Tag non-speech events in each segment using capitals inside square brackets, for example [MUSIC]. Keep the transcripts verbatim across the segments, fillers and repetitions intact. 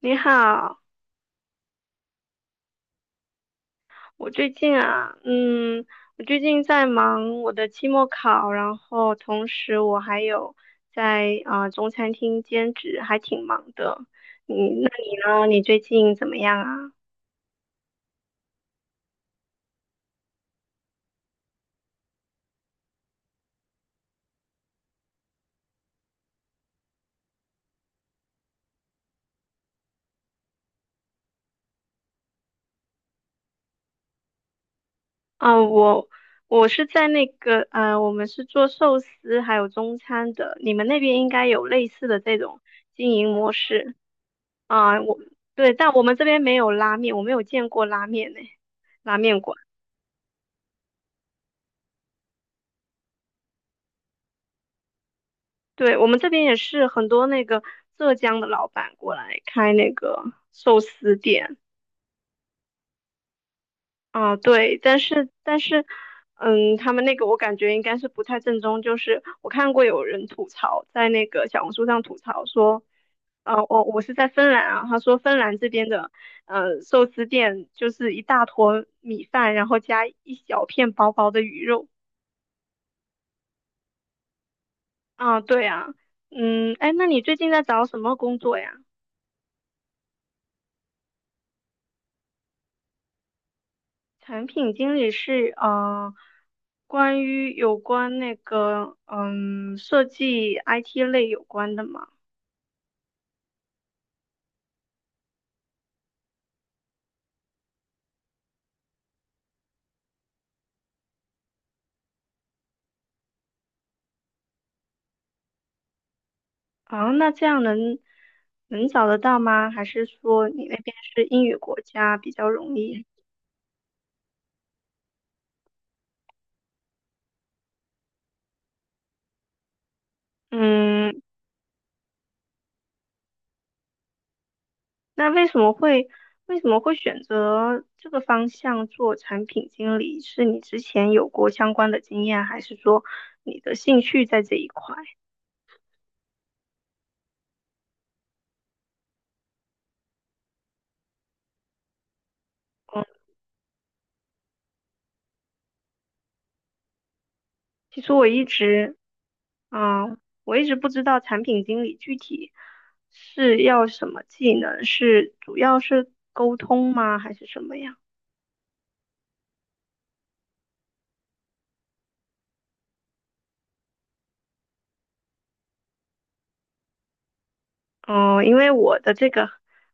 你好，我最近啊，嗯，我最近在忙我的期末考，然后同时我还有在啊、呃中餐厅兼职，还挺忙的。你那你呢？你最近怎么样啊？啊、我我是在那个呃，我们是做寿司还有中餐的，你们那边应该有类似的这种经营模式。啊、我对，但我们这边没有拉面，我没有见过拉面呢，拉面馆。对，我们这边也是很多那个浙江的老板过来开那个寿司店。啊，对，但是但是，嗯，他们那个我感觉应该是不太正宗，就是我看过有人吐槽在那个小红书上吐槽说，呃，我我是在芬兰啊，他说芬兰这边的呃寿司店就是一大坨米饭，然后加一小片薄薄的鱼肉。啊，对啊，嗯，哎，那你最近在找什么工作呀？产品经理是嗯、呃关于有关那个嗯设计 I T 类有关的嘛？啊，那这样能能找得到吗？还是说你那边是英语国家比较容易？嗯，那为什么会为什么会选择这个方向做产品经理？是你之前有过相关的经验，还是说你的兴趣在这一块？其实我一直嗯，我一直不知道产品经理具体是要什么技能，是主要是沟通吗，还是什么呀？嗯，因为我的这个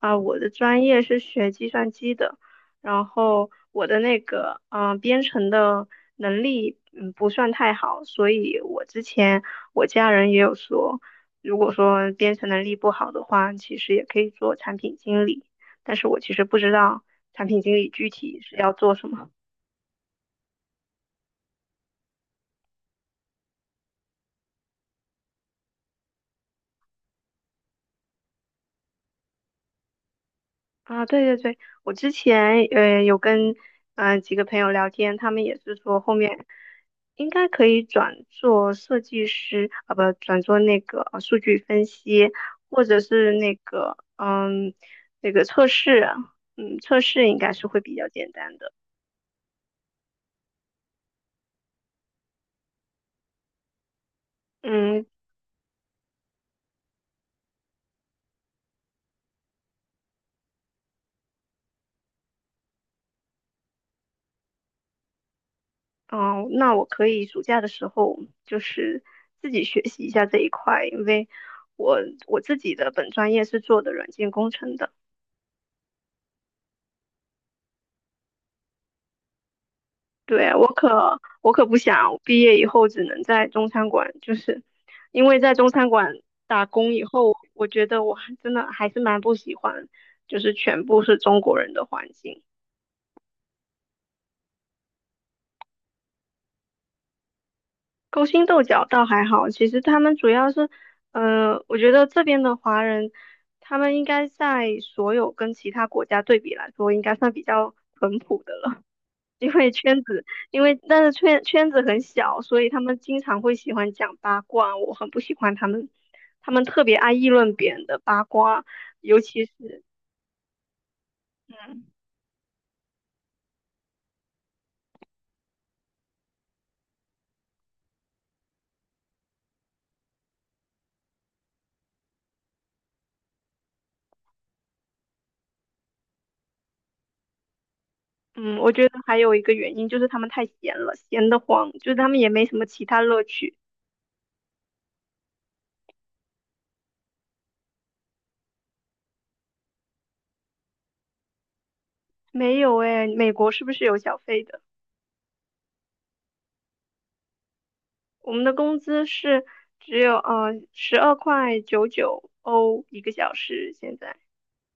啊、我的专业是学计算机的，然后我的那个嗯、呃编程的能力嗯不算太好，所以我之前我家人也有说，如果说编程能力不好的话，其实也可以做产品经理，但是我其实不知道产品经理具体是要做什么。啊，对对对，我之前呃有跟嗯、呃几个朋友聊天，他们也是说后面应该可以转做设计师啊，不转做那个呃数据分析，或者是那个嗯那个测试，嗯测试应该是会比较简单的。嗯，哦，那我可以暑假的时候就是自己学习一下这一块，因为我我自己的本专业是做的软件工程的。对，我可我可不想毕业以后只能在中餐馆，就是因为在中餐馆打工以后，我觉得我还真的还是蛮不喜欢，就是全部是中国人的环境。勾心斗角倒还好，其实他们主要是，呃，我觉得这边的华人，他们应该在所有跟其他国家对比来说，应该算比较淳朴的了。因为圈子，因为但是圈圈子很小，所以他们经常会喜欢讲八卦，我很不喜欢他们，他们特别爱议论别人的八卦，尤其是，嗯，我觉得还有一个原因就是他们太闲了，闲得慌，就是他们也没什么其他乐趣。没有诶，美国是不是有小费的？我们的工资是只有呃十二块九九欧一个小时，现在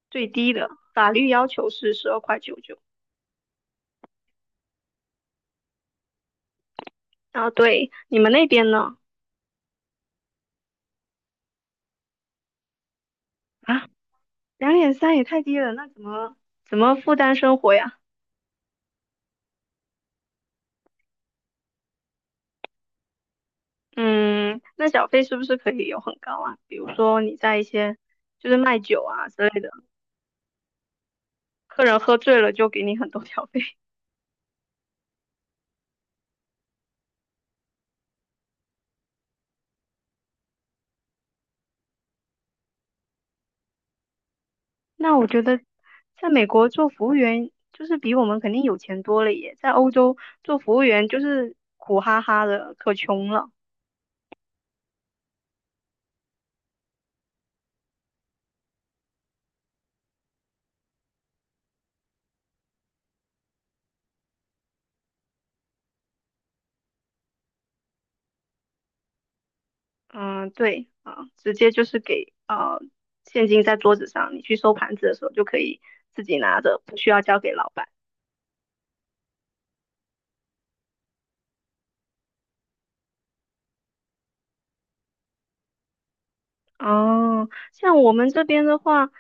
最低的法律要求是十二块九九。啊，对，你们那边呢？啊，两点三也太低了，那怎么怎么负担生活呀？嗯，那小费是不是可以有很高啊？比如说你在一些就是卖酒啊之类的，客人喝醉了就给你很多小费。[LAUGHS] 那我觉得在美国做服务员就是比我们肯定有钱多了耶，在欧洲做服务员就是苦哈哈的，可穷了。嗯，对啊，直接就是给啊，现金在桌子上，你去收盘子的时候就可以自己拿着，不需要交给老板。哦，像我们这边的话，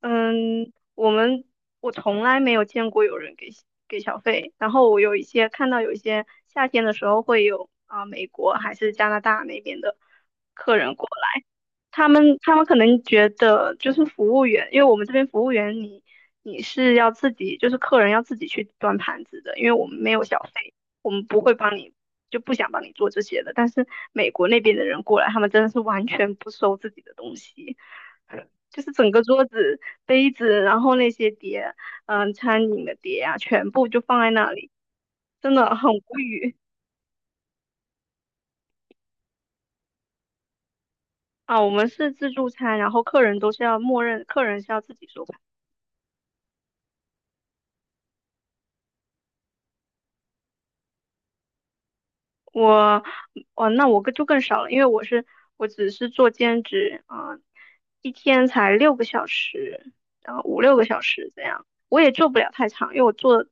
嗯，我们我从来没有见过有人给给小费，然后我有一些看到有一些夏天的时候会有啊、美国还是加拿大那边的。客人他们他们可能觉得就是服务员，因为我们这边服务员你你是要自己，就是客人要自己去端盘子的，因为我们没有小费，我们不会帮你，就不想帮你做这些的。但是美国那边的人过来，他们真的是完全不收自己的东西，就是整个桌子、杯子，然后那些碟，嗯、餐饮的碟啊，全部就放在那里，真的很无语。啊，我们是自助餐，然后客人都是要默认，客人是要自己收。我，哦，那我更就更少了，因为我是我只是做兼职啊，一天才六个小时，然后五六个小时这样，我也做不了太长，因为我做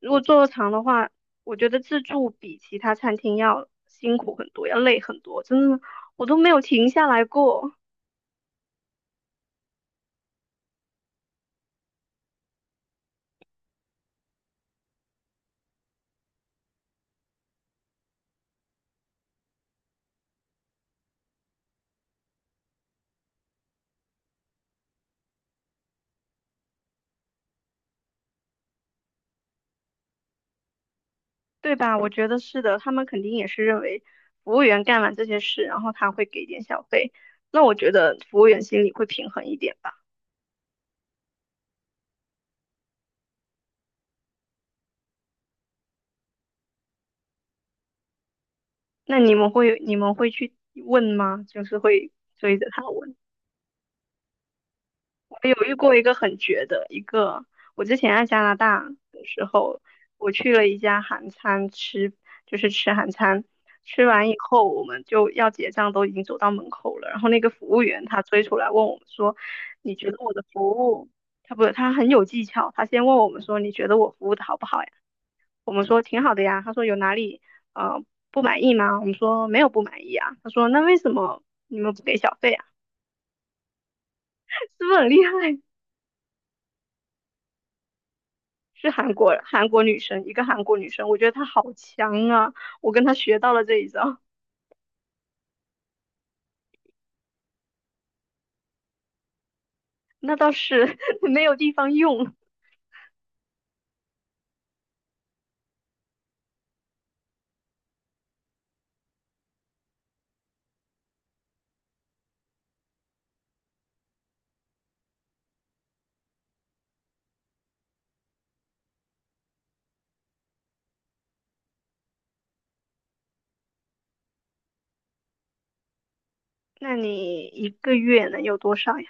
如果做的长的话，我觉得自助比其他餐厅要辛苦很多，要累很多，真的我都没有停下来过。对吧？我觉得是的，他们肯定也是认为服务员干完这些事，然后他会给点小费，那我觉得服务员心里会平衡一点吧。那你们会你们会去问吗？就是会追着他问。我有遇过一个很绝的，一个我之前在加拿大的时候，我去了一家韩餐吃，就是吃韩餐。吃完以后，我们就要结账，都已经走到门口了。然后那个服务员他追出来问我们说：“你觉得我的服务？”他不，他很有技巧。他先问我们说：“你觉得我服务的好不好呀？”我们说挺好的呀。他说有哪里呃不满意吗？我们说没有不满意啊。他说那为什么你们不给小费啊？[LAUGHS] 是不是很厉害？是韩国韩国女生，一个韩国女生，我觉得她好强啊！我跟她学到了这一招，[LAUGHS] 那倒是 [LAUGHS] 没有地方用。那你一个月能有多少呀？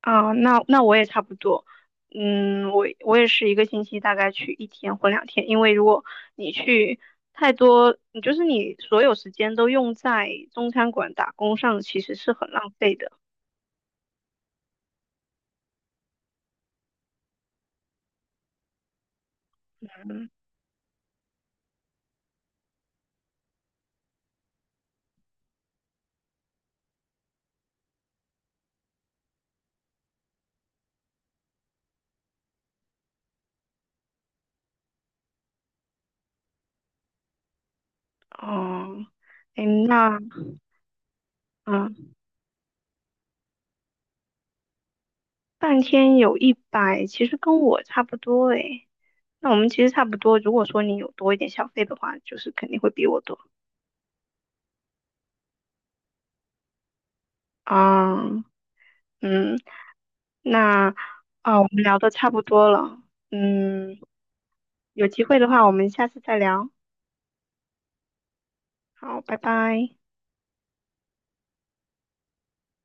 啊，那那我也差不多，嗯，我我也是一个星期大概去一天或两天，因为如果你去太多，你就是你所有时间都用在中餐馆打工上，其实是很浪费的。嗯，哦，诶，那嗯，半天有一百，其实跟我差不多诶。那我们其实差不多，如果说你有多一点小费的话，就是肯定会比我多啊。嗯，那啊，我们聊的差不多了，嗯，有机会的话，我们下次再聊。好，拜拜。